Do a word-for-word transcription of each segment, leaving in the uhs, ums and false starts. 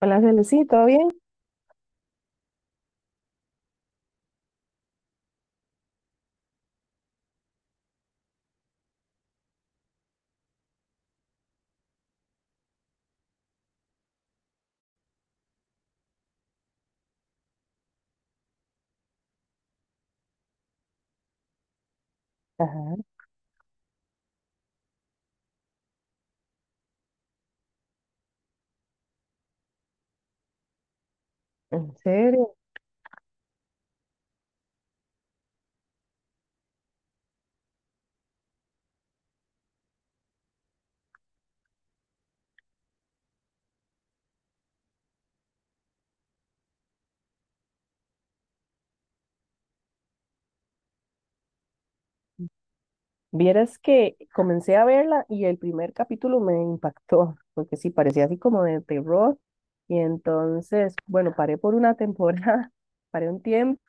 Hola, Celecy, ¿todo bien? Ajá. En serio. Vieras que comencé a verla y el primer capítulo me impactó, porque sí, parecía así como de terror. Y entonces, bueno, paré por una temporada, paré un tiempo,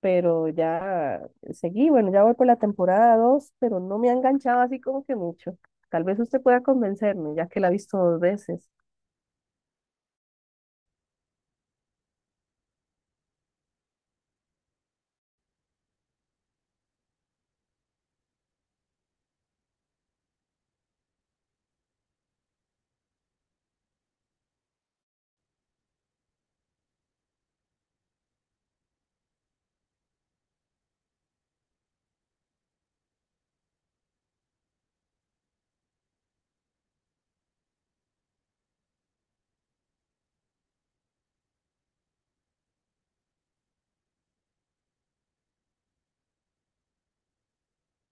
pero ya seguí, bueno, ya voy por la temporada dos, pero no me ha enganchado así como que mucho. Tal vez usted pueda convencerme, ya que la ha visto dos veces.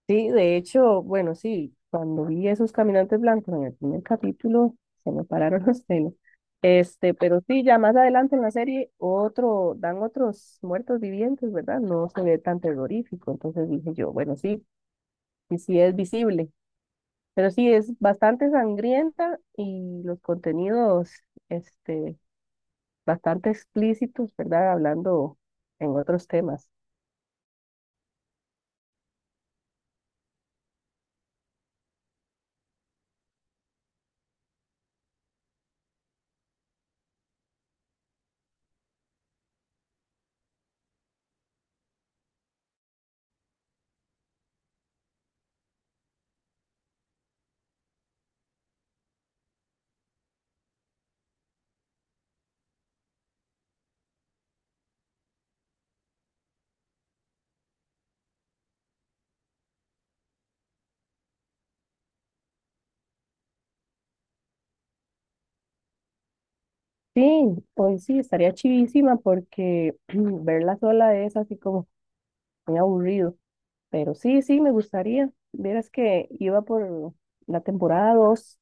Sí, de hecho, bueno, sí, cuando vi esos caminantes blancos en el primer capítulo, se me pararon los pelos. Este, pero sí, ya más adelante en la serie, otro, dan otros muertos vivientes, ¿verdad? No se ve tan terrorífico. Entonces dije yo, bueno, sí, sí, sí es visible. Pero sí, es bastante sangrienta y los contenidos, este, bastante explícitos, ¿verdad? Hablando en otros temas. Sí, hoy sí, estaría chivísima porque verla sola es así como muy aburrido. Pero sí, sí, me gustaría. Vieras que iba por la temporada dos,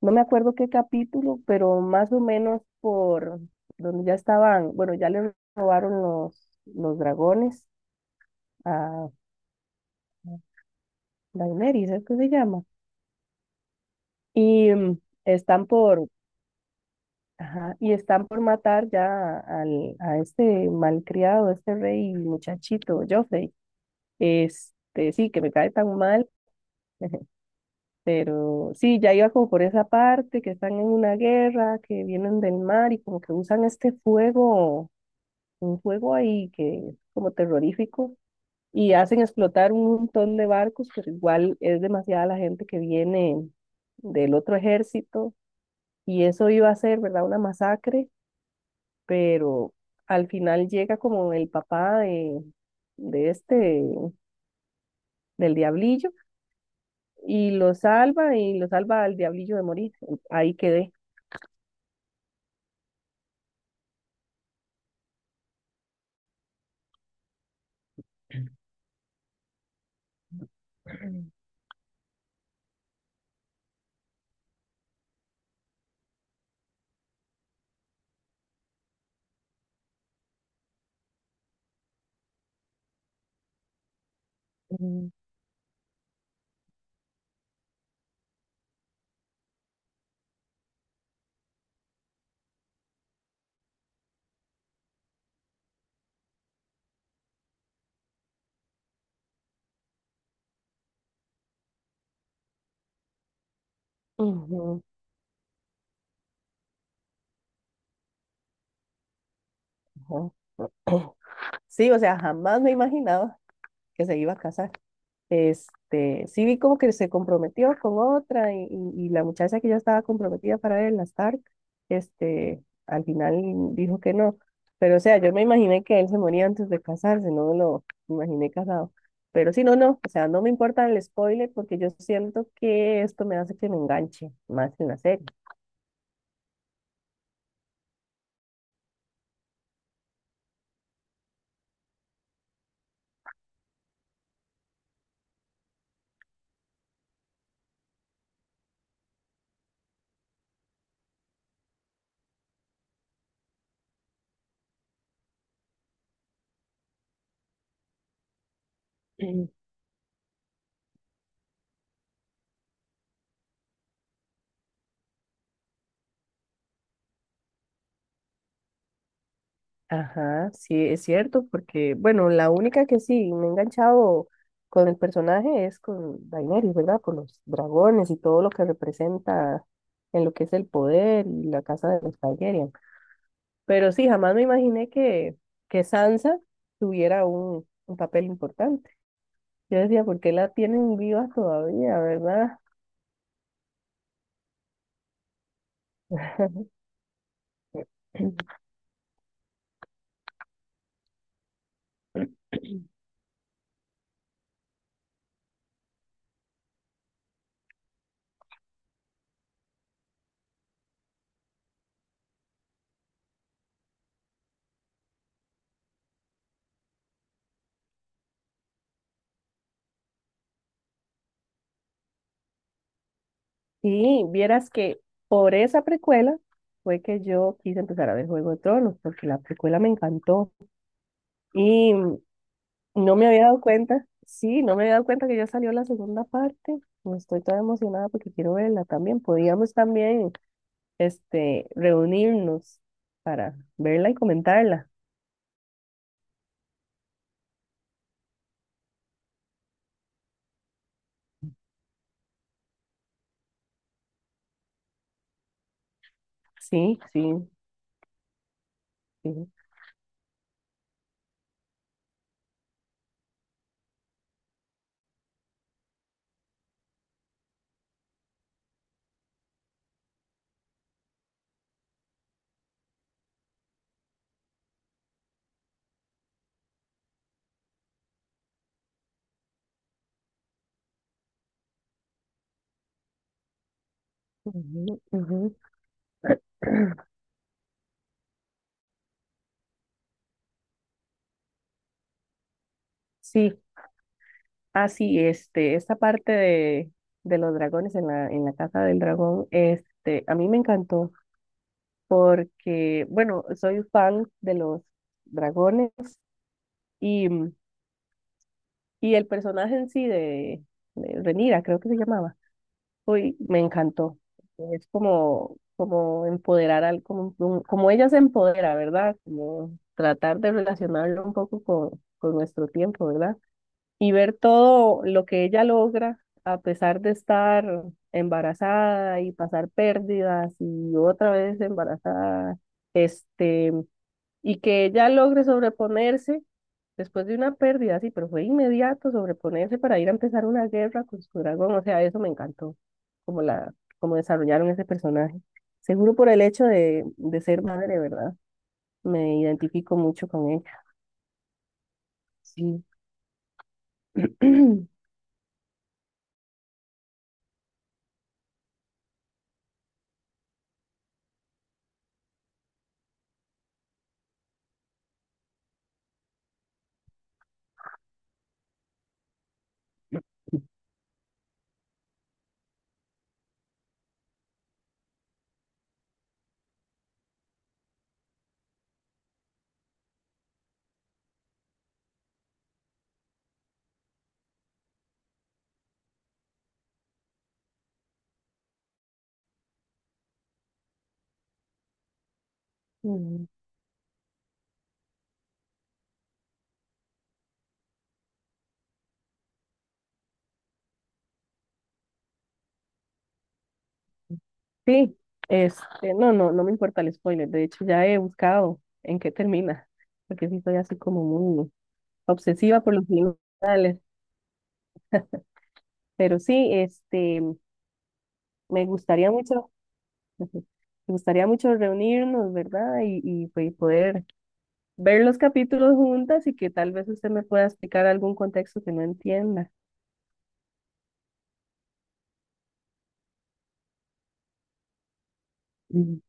no me acuerdo qué capítulo, pero más o menos por donde ya estaban, bueno, ya le robaron los, los dragones a Daenerys, ¿es que se llama? Y mm, están por, ajá, y están por matar ya al, a este malcriado, este rey muchachito, Joffrey. Este, sí, que me cae tan mal. Pero sí, ya iba como por esa parte, que están en una guerra, que vienen del mar y como que usan este fuego, un fuego ahí que es como terrorífico, y hacen explotar un montón de barcos, pero igual es demasiada la gente que viene del otro ejército y eso iba a ser, ¿verdad? Una masacre, pero al final llega como el papá de, de este, del diablillo y lo salva, y lo salva al diablillo de morir. Ahí quedé. Ujú, ujú. Sí, o sea, jamás me imaginaba que se iba a casar. Este, sí vi como que se comprometió con otra y, y- y la muchacha que ya estaba comprometida para él, la Stark, este, al final dijo que no. Pero o sea, yo me imaginé que él se moría antes de casarse, no me lo imaginé casado. Pero sí, no, no, o sea, no me importa el spoiler porque yo siento que esto me hace que me enganche más en la serie. Ajá, sí, es cierto, porque, bueno, la única que sí me he enganchado con el personaje es con Daenerys, ¿verdad? Por los dragones y todo lo que representa en lo que es el poder y la casa de los Targaryen. Pero sí, jamás me imaginé que, que Sansa tuviera un, un papel importante. Yo decía, ¿por qué la tienen viva todavía, verdad? Y vieras que por esa precuela fue que yo quise empezar a ver Juego de Tronos, porque la precuela me encantó. Y No me había dado cuenta, sí, no me había dado cuenta que ya salió la segunda parte. No, estoy toda emocionada porque quiero verla también. Podríamos también, este, reunirnos para verla y comentarla. Sí, sí, sí. Ujú, ujú. Sí, así, este, esta parte de, de los dragones en la, en la Casa del Dragón, este, a mí me encantó porque, bueno, soy fan de los dragones. y mm, Y el personaje en sí de, de Renira, creo que se llamaba, uy, me encantó. Es como, como empoderar al, como, un- como ella se empodera, ¿verdad? Como tratar de relacionarlo un poco con, con nuestro tiempo, ¿verdad? Y ver todo lo que ella logra a pesar de estar embarazada y pasar pérdidas y otra vez embarazada, este, y que ella logre sobreponerse después de una pérdida, así, pero fue inmediato sobreponerse para ir a empezar una guerra con su dragón, o sea, eso me encantó, como la, como desarrollaron ese personaje. Seguro por el hecho de, de ser madre, ¿verdad? Me identifico mucho con ella. Sí. Mm, sí, este, no, no, no me importa el spoiler, de hecho ya he buscado en qué termina, porque sí soy así como muy obsesiva por los finales, pero sí, este, me gustaría mucho, me gustaría mucho reunirnos, ¿verdad? Y, y, pues, poder ver los capítulos juntas y que tal vez usted me pueda explicar algún contexto que no entienda. Mm.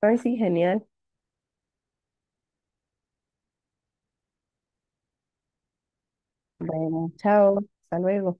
Ay, sí, genial. Bueno, chao, hasta luego.